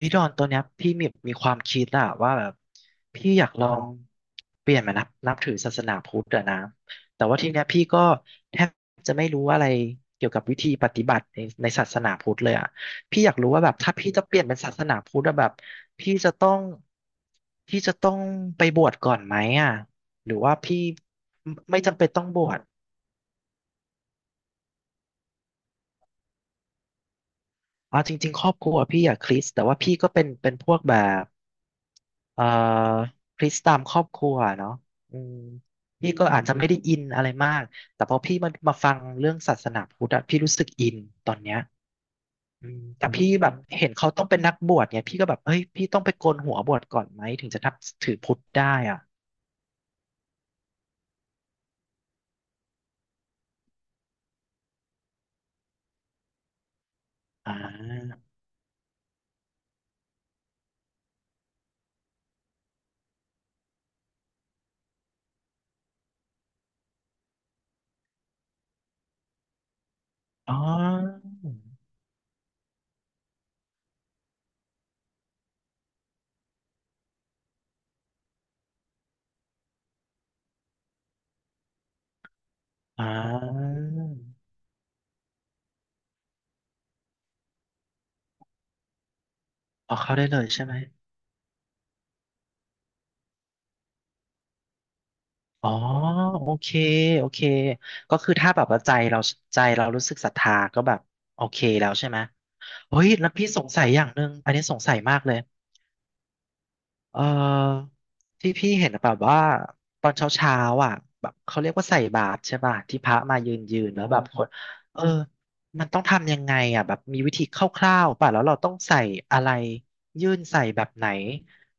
พี่ดอนตัวเนี้ยพี่มีความคิดอะว่าแบบพี่อยากลองเปลี่ยนมานับถือศาสนาพุทธอะนะแต่ว่าทีเนี้ยพี่ก็แทบจะไม่รู้อะไรเกี่ยวกับวิธีปฏิบัติในศาสนาพุทธเลยอะพี่อยากรู้ว่าแบบถ้าพี่จะเปลี่ยนเป็นศาสนาพุทธอะแบบพี่จะต้องพี่จะต้องไปบวชก่อนไหมอะหรือว่าพี่ไม่จำเป็นต้องบวชเอาจริงๆครอบครัวพี่อะคริสต์แต่ว่าพี่ก็เป็นพวกแบบ เอ่อพลิกตามครอบครัวเนาะอืมพี่ก็อาจจะไม่ได้อินอะไรมากแต่พอพี่มาฟังเรื่องศาสนาพุทธอะพี่รู้สึกอินตอนเนี้ยอืมแต่พี่แบบเห็นเขาต้องเป็นนักบวชเนี่ยพี่ก็แบบเฮ้ยพี่ต้องไปโกนหัวบวชก่อนไหมถึงจะนับถือพุทธได้อ่ะอ่าอ๋ออ่าอ๋อเข้าได้เลยใช่ไหมอ๋อโอเคโอเคก็คือถ้าแบบว่าใจเรารู้สึกศรัทธาก็แบบโอเคแล้วใช่ไหม เฮ้ยแล้วพี่สงสัยอย่างหนึ่งอันนี้สงสัยมากเลยเอ่อที่พี่เห็นแบบว่าตอนเช้าเช้าอ่ะแบบเขาเรียกว่าใส่บาตรใช่ป่ะที่พระมายืนแล้วแบบคนเออมันต้องทำยังไงอ่ะแบบมีวิธีคร่าวๆป่ะแล้วเราต้องใส่อะไรยื่นใส่แบบไหน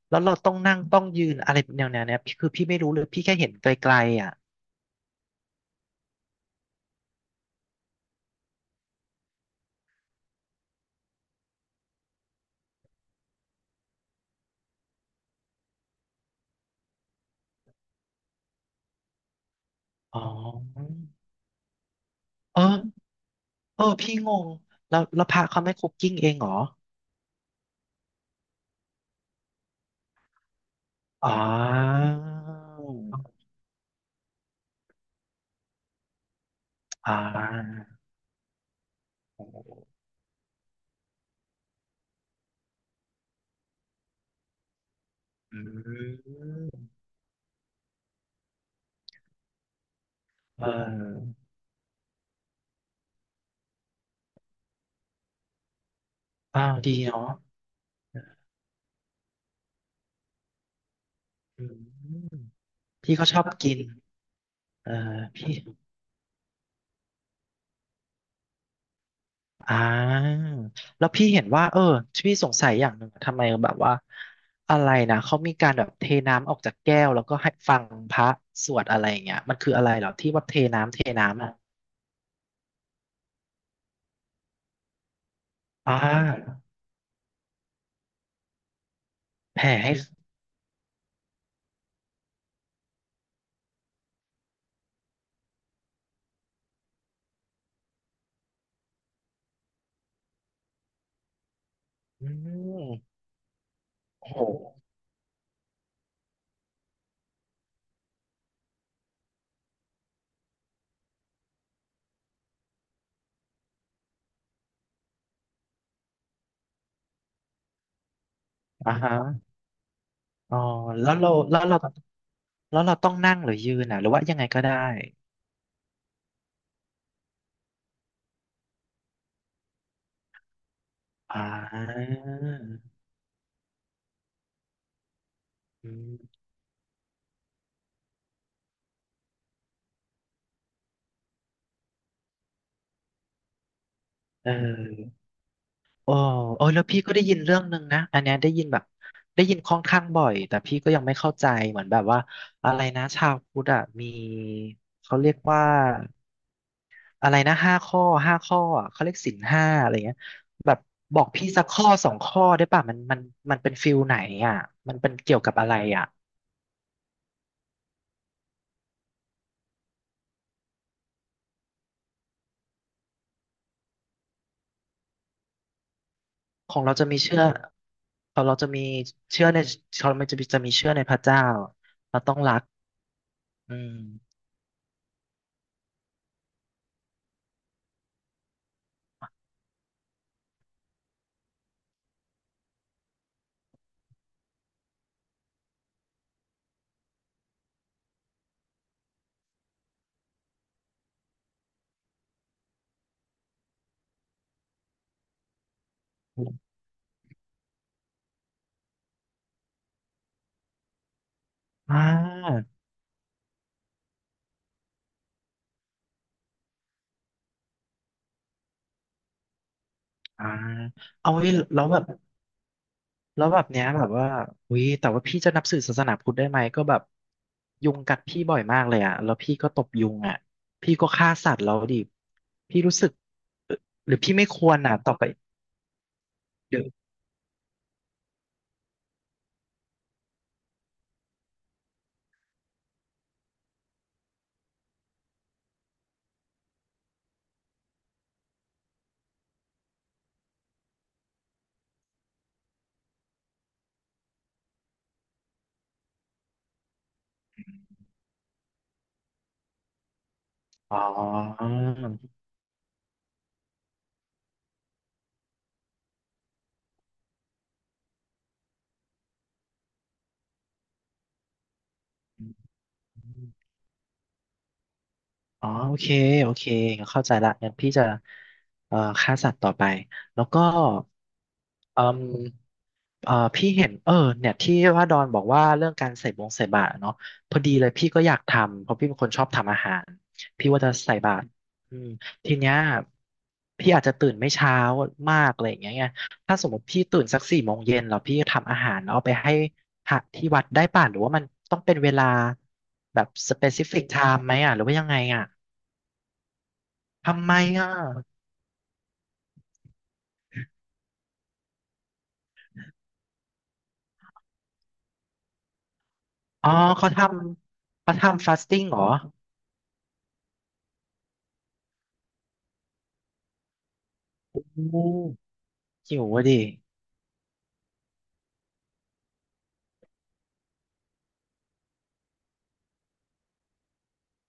แล้วเราต้องนั่งต้องยืนอะไรแนวๆเนี้ยพี่คือพี่ไม่รู้เลยพี่แค่เห็นไกลๆอ่ะอ๋อเออเออพี่งงแล้วพระเขาไม่คุกกิ้งเองเหรออ๋อ อ่าโอ้โหอืมเอออ้าวดีเนาะอืมพี่ก็ชอบกินเออพี่อ่าแล้วพี่เห็นว่าเออพี่สงสัยอย่างหนึ่งทำไมแบบว่าอะไรนะเขามีการแบบเทน้ำออกจากแก้วแล้วก็ให้ฟังพระสวดอะไรอย่างเงี้ยมันคืออะไรเหรอที่ว่าเทน้ำอ่ะอ่าแผ่ให้อืมโอ้โหอ่าฮะอ๋อแล้วเราแล้วเราแล้วเราต้องนั่งหรือยืนอ่ะหรือว่ายังไงก็ได้ อ่าอืมเออโอ้โอ้แล้วพี่ก็ได้ยินเรื่องหนึ่งนะอันเนี้ยได้ยินค่อนข้างบ่อยแต่พี่ก็ยังไม่เข้าใจเหมือนแบบว่าอะไรนะชาวพุทธอะมีเขาเรียกว่าอะไรนะห้าข้อห้าข้ออะเขาเรียกศีล 5อะไรเงี้ยแบบบอกพี่สักข้อสองข้อได้ป่ะมันมันเป็นฟิลไหนอ่ะมันเป็นเกี่ยวกับอะไรอ่ะของเราจะมีเชื่อของเราจะมีเชื่อในของเราจะมีเชื่อในพระเจ้าเราต้องรักอืม อ่าอ่าเอาไว้แล้วแบบ แล้วแบบเนี้ยแบบว่าอุ้ยแต่ว่าพี่จะนับถือศาสนาพุทธได้ไหม ก็แบบยุงกัดพี่บ่อยมากเลยอ่ะแล้วพี่ก็ตบยุงอ่ะพี่ก็ฆ่าสัตว์แล้วดิพี่รู้สึกเอ่อหรือพี่ไม่ควรอ่ะต่อไปเดี๋ยวอ๋ออ๋อโอเคโอเคเข้าใจละงั้นพี่จะฆ่าสัตว์ต่อไปแล้วก็อืม เออพี่เห็นเออเนี่ยที่ว่าดอนบอกว่าเรื่องการใส่บาตรอะเนาะพอดีเลยพี่ก็อยากทำเพราะพี่เป็นคนชอบทำอาหารพี่ว่าจะใส่บาตรอืมทีเนี้ยพี่อาจจะตื่นไม่เช้ามากอะไรอย่างเงี้ยไงถ้าสมมติพี่ตื่นสัก4 โมงเย็นแล้วพี่ทำอาหารแล้วเอาไปให้พระที่วัดได้ป่ะหรือว่ามันต้องเป็นเวลาแบบสเปซิฟิกไทม์ไหมอ่ะหรือว่ายังไงอ่ะทำไมอ่ะอ๋อเขาทเขาทำฟาสติ้งเหรออู้หิวอะดิ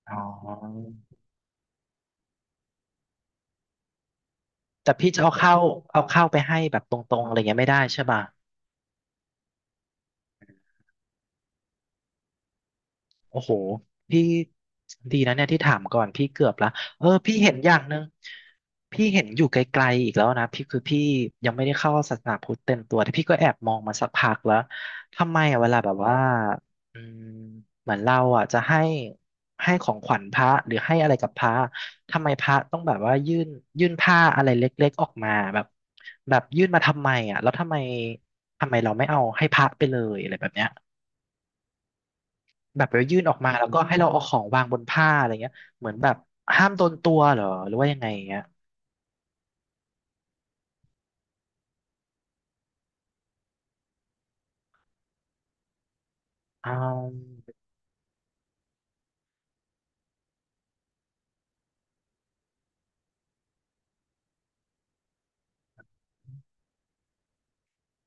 อ๋อ แต่พี่จะเอาข้าวไปให้แบบตรงๆอะไรเงี้ยไม่ได้ใช่ป่ะ โอ้โหพี่ดีนะเนี่ยที่ถามก่อนพี่เกือบละเออพี่เห็นอย่างหนึ่งพี่เห็นอยู่ไกลๆอีกแล้วนะพี่คือพี่ยังไม่ได้เข้าศาสนาพุทธเต็มตัวแต่พี่ก็แอบมองมาสักพักแล้วทำไมอะเวลาแบบว่าอืมเหมือนเราอ่ะจะให้ของขวัญพระหรือให้อะไรกับพระทำไมพระต้องแบบว่ายื่นผ้าอะไรเล็กๆออกมาแบบแบบยื่นมาทำไมอ่ะแล้วทำไมเราไม่เอาให้พระไปเลยอะไรแบบเนี้ย แบบไปยื่นออกมาแล้วก็ให้เราเอาของวางบนผ้าอะไรเงี้ยเหมือนแบบห้ามโดนตัวเหรอหรือว่ายังไงอย่างเงี้ยอ่า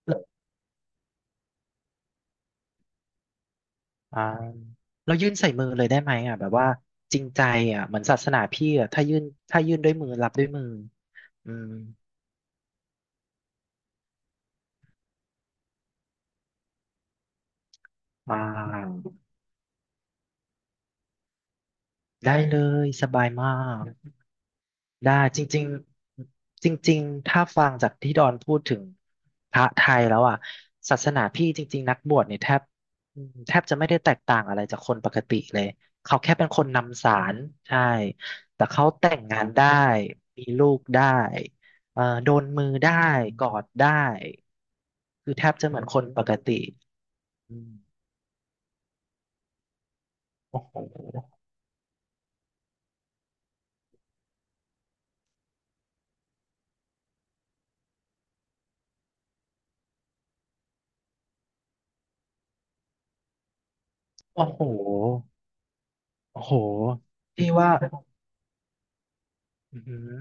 แล้วอ่าเรายื่นใส่มือเลยได้ไหมอ่ะแบบว่าจริงใจอ่ะเหมือนศาสนาพี่อ่ะถ้ายื่นด้วยมือรับด้วยมืออืมอ่าได้เลยสบายมาก ได้จริงๆจริงๆถ้าฟังจากที่ดอนพูดถึงพระไทยแล้วอ่ะศาสนาพี่จริงๆนักบวชเนี่ยแทบอืมแทบจะไม่ได้แตกต่างอะไรจากคนปกติเลยเขาแค่เป็นคนนำสารใช่แต่เขาแต่งงานได้มีลูกได้โดนมือได้กอดได้คือแทบจะเหมือนคนปกติอืมโอ้โหโอ้โหโอ้โหพี่ว่า อืม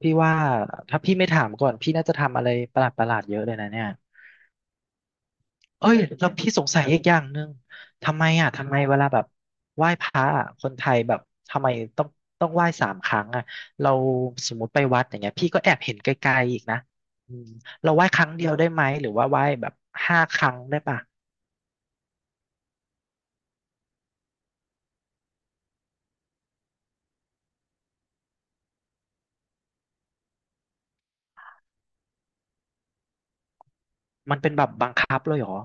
พี่ว่าถ้าพี่ไม่ถามก่อนพี่น่าจะทำอะไรประหลาดประหลาดเยอะเลยนะเนี่ยเอ้ยแล้วพี่สงสัยอีกอย่างหนึ่งทำไมอ่ะทำไมเวลาแบบไหว้พระอ่ะคนไทยแบบทำไมต้องต้องไหว้3 ครั้งอ่ะเราสมมติไปวัดอย่างเงี้ยพี่ก็แอบเห็นไกลๆอีกนะอืมเราไหว้ครั้งเดียวได้ไหมหรือว่าไหว้แบบ5 ครั้งได้ปะมันเป็นแบบบังคับเลยเหรอ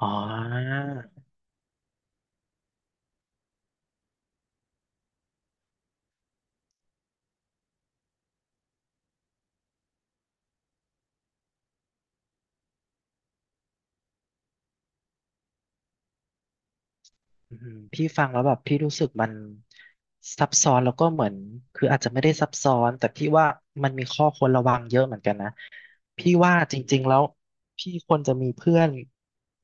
อ๋อ อืมพี่ฟังแล้วแบบพี่รู้สึกมันซับซ้อนแล้วก็เหมือนคืออาจจะไม่ได้ซับซ้อนแต่พี่ว่ามันมีข้อควรระวังเยอะเหมือนกันนะพี่ว่าจริงๆแล้วพี่ควรจะมีเพื่อน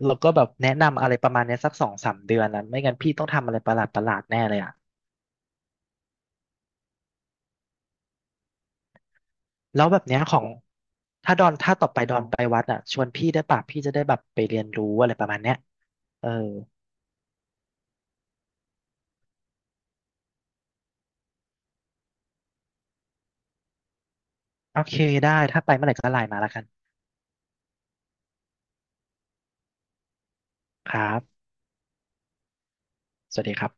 แล้วก็แบบแนะนำอะไรประมาณเนี้ยสัก2-3 เดือนนะไม่งั้นพี่ต้องทำอะไรประหลาดประหลาดแน่เลยอ่ะแล้วแบบเนี้ยของถ้าดอนถ้าต่อไปดอนไปวัดอ่ะชวนพี่ได้ปะพี่จะได้แบบไปเรียนรู้อะไรประมาณเนี้ยเออโอเคได้ถ้าไปเมื่อไหร่ก็ไลน์มาแล้วกันครับสวัสดีครับ